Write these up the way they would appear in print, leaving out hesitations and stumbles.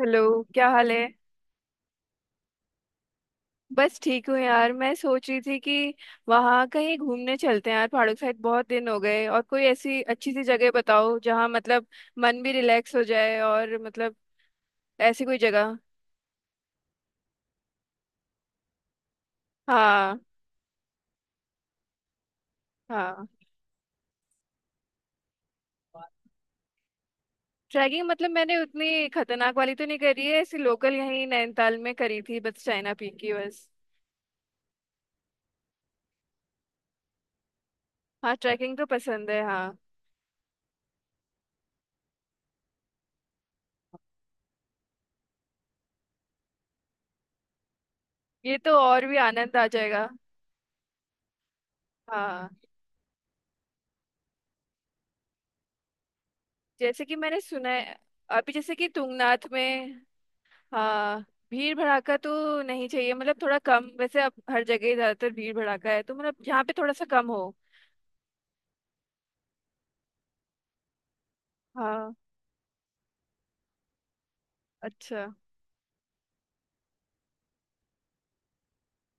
Hello. क्या हाल है। बस ठीक हूँ यार। मैं सोच रही थी कि वहाँ कहीं घूमने चलते हैं यार, पहाड़ों के साइड, बहुत दिन हो गए। और कोई ऐसी अच्छी सी जगह बताओ जहाँ मतलब मन भी रिलैक्स हो जाए, और मतलब ऐसी कोई जगह। हाँ। हाँ। ट्रैकिंग मतलब मैंने उतनी खतरनाक वाली तो नहीं करी है, ऐसी लोकल यहीं नैनीताल में करी थी, बस चाइना पीक की, बस। हाँ, ट्रैकिंग तो पसंद है, हाँ। ये तो और भी आनंद आ जाएगा। हाँ। जैसे कि मैंने सुना है, अभी जैसे कि तुंगनाथ में। हाँ। भीड़ भड़ाका तो नहीं चाहिए, मतलब थोड़ा कम। वैसे अब हर जगह ही ज्यादातर भीड़ भड़ाका है, तो मतलब यहाँ पे थोड़ा सा कम हो। हाँ। अच्छा।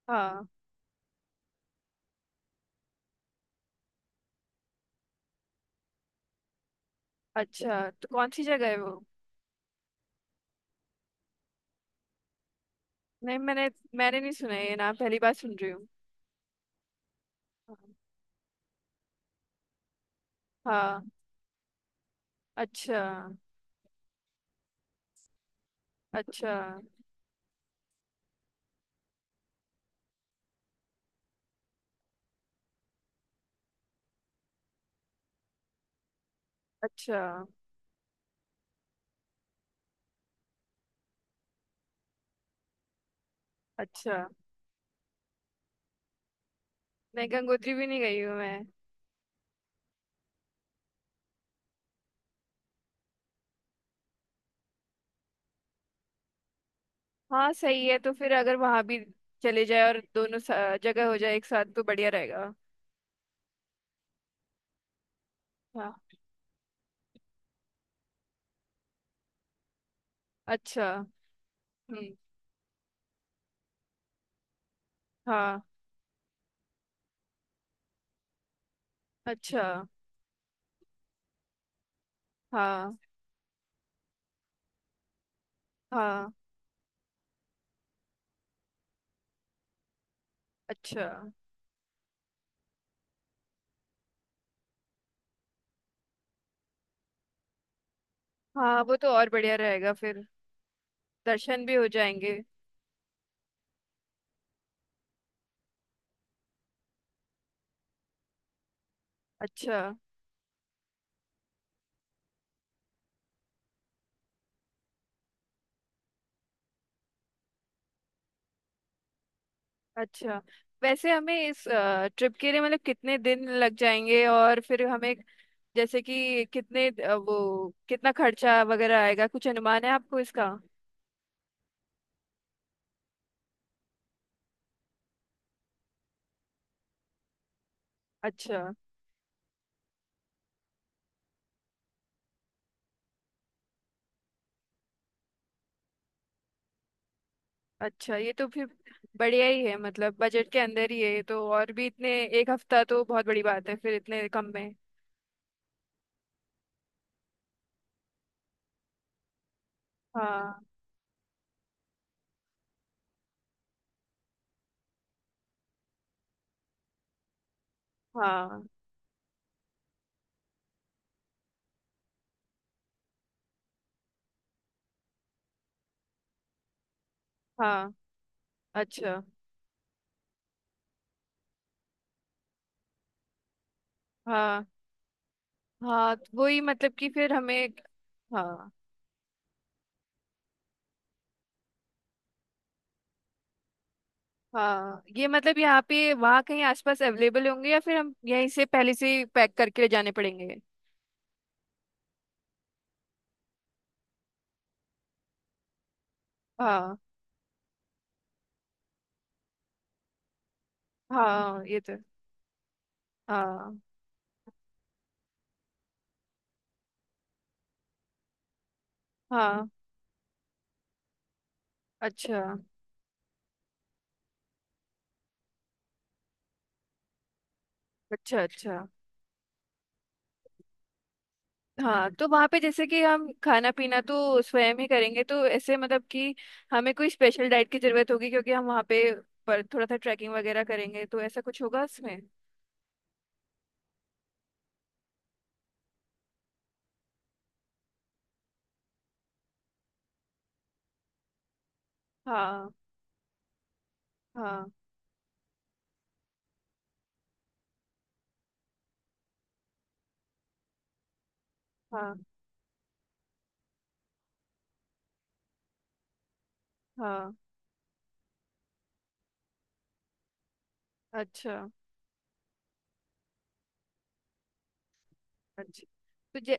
हाँ। अच्छा। तो कौन सी जगह है वो। नहीं, मैंने मैंने नहीं सुना है, ये नाम पहली बार सुन रही हूँ। हाँ। अच्छा, अच्छा। अच्छा, अच्छा। नहीं, गंगोत्री भी नहीं गई हूँ मैं। हाँ, सही है, तो फिर अगर वहां भी चले जाए और दोनों जगह हो जाए एक साथ तो बढ़िया रहेगा। हाँ। अच्छा। हम्म। हाँ। अच्छा। हाँ। हाँ। अच्छा। हाँ, वो तो और बढ़िया रहेगा। फिर दर्शन भी हो जाएंगे। अच्छा। अच्छा, वैसे हमें इस ट्रिप के लिए मतलब कितने दिन लग जाएंगे, और फिर हमें जैसे कि वो कितना खर्चा वगैरह आएगा, कुछ अनुमान है आपको इसका। अच्छा, अच्छा, ये तो फिर बढ़िया ही है मतलब बजट के अंदर ही है, ये तो और भी इतने। एक हफ्ता तो बहुत बड़ी बात है फिर इतने कम में। हाँ। हाँ। हाँ। अच्छा। हाँ, हाँ, तो वही मतलब कि फिर हमें। हाँ, हाँ, ये मतलब यहाँ पे वहाँ कहीं आसपास अवेलेबल होंगे या फिर हम यहीं से पहले से पैक करके ले जाने पड़ेंगे। हाँ, हाँ, ये तो। हाँ। हाँ। अच्छा, अच्छा। अच्छा। हाँ, तो वहाँ पे जैसे कि हम खाना पीना तो स्वयं ही करेंगे, तो ऐसे मतलब कि हमें कोई स्पेशल डाइट की जरूरत होगी, क्योंकि हम वहाँ पे पर थोड़ा सा ट्रैकिंग वगैरह करेंगे, तो ऐसा कुछ होगा इसमें। हाँ। हाँ। हाँ। हाँ। अच्छा, अच्छा। तो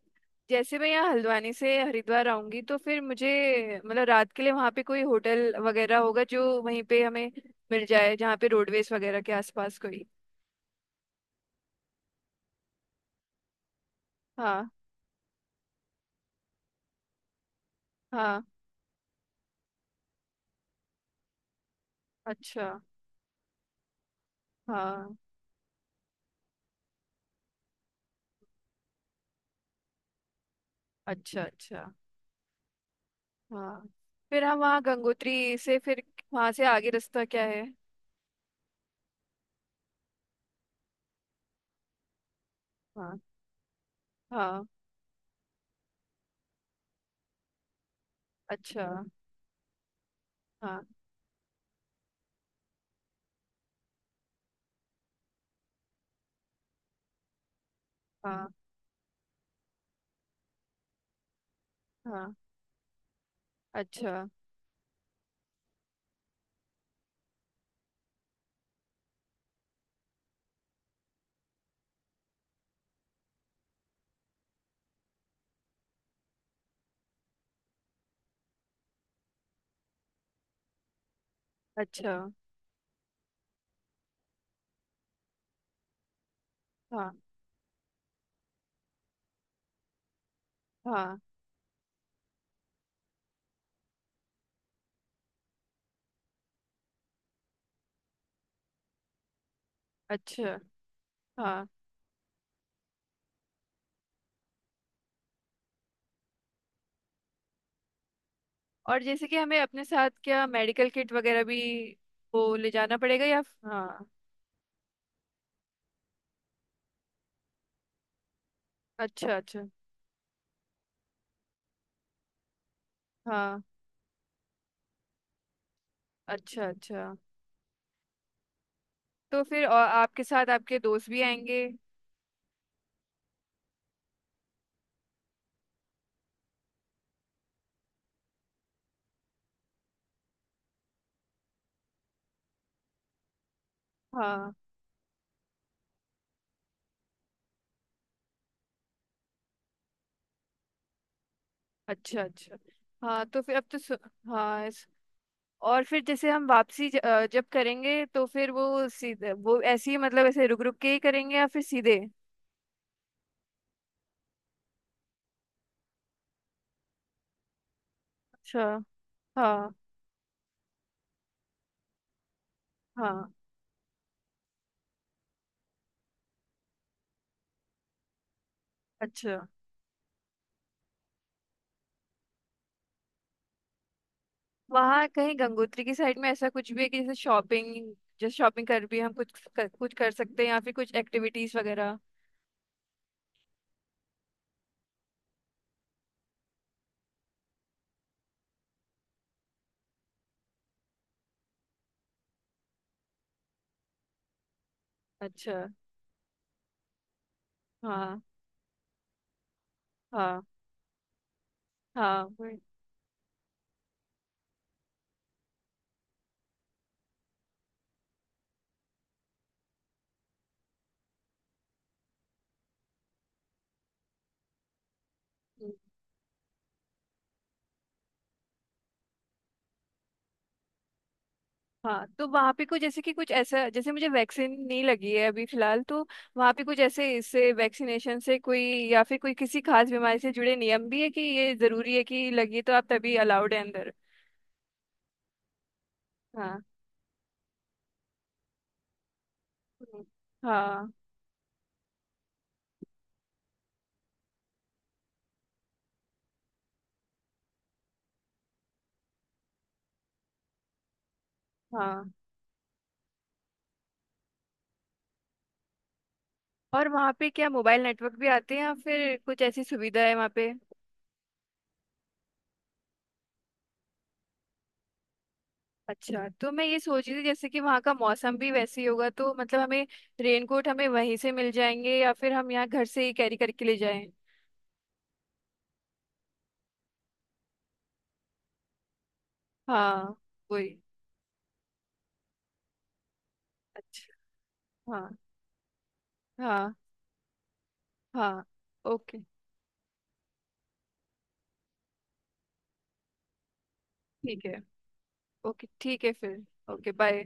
जैसे मैं यहाँ हल्द्वानी से हरिद्वार आऊंगी, तो फिर मुझे मतलब रात के लिए वहाँ पे कोई होटल वगैरह होगा, जो वहीं पे हमें मिल जाए, जहाँ पे रोडवेज वगैरह के आसपास कोई। हाँ। हाँ। अच्छा। हाँ। अच्छा। अच्छा। हाँ, फिर हम वहाँ गंगोत्री से, फिर वहाँ से आगे रास्ता क्या है। हाँ। हाँ। अच्छा। हाँ। हाँ। हाँ। अच्छा। अच्छा। हाँ। हाँ। अच्छा। हाँ। और जैसे कि हमें अपने साथ क्या मेडिकल किट वगैरह भी वो ले जाना पड़ेगा, या हाँ। अच्छा, अच्छा। हाँ। अच्छा, अच्छा। तो फिर और आपके साथ आपके दोस्त भी आएंगे। हाँ। अच्छा, अच्छा। हाँ, तो फिर अब तो हाँ, और फिर जैसे हम वापसी जब करेंगे, तो फिर वो ऐसे ही मतलब ऐसे रुक रुक के ही करेंगे या फिर सीधे। अच्छा। हाँ। हाँ। अच्छा। वहाँ कहीं गंगोत्री की साइड में ऐसा कुछ भी है कि जैसे शॉपिंग कर भी हम कुछ कर सकते हैं, या फिर कुछ एक्टिविटीज वगैरह। अच्छा। हाँ। हाँ। हाँ, वही। हम्म। हाँ, तो वहाँ पे कुछ जैसे कि कुछ ऐसा, जैसे मुझे वैक्सीन नहीं लगी है अभी फिलहाल, तो वहाँ पे कुछ ऐसे इससे वैक्सीनेशन से कोई, या फिर कोई किसी खास बीमारी से जुड़े नियम भी है कि ये जरूरी है कि लगी तो आप तभी अलाउड है अंदर। हाँ। हम्म। हाँ। हाँ। और वहाँ पे क्या मोबाइल नेटवर्क भी आते हैं, या फिर कुछ ऐसी सुविधा है वहाँ पे। अच्छा, तो मैं ये सोच रही थी जैसे कि वहाँ का मौसम भी वैसे ही होगा, तो मतलब हमें रेनकोट हमें वहीं से मिल जाएंगे, या फिर हम यहाँ घर से ही कैरी करके ले जाएं। हाँ, वही। अच्छा। हाँ। हाँ। हाँ। ओके। ठीक है। ओके, ठीक है फिर। Okay, bye.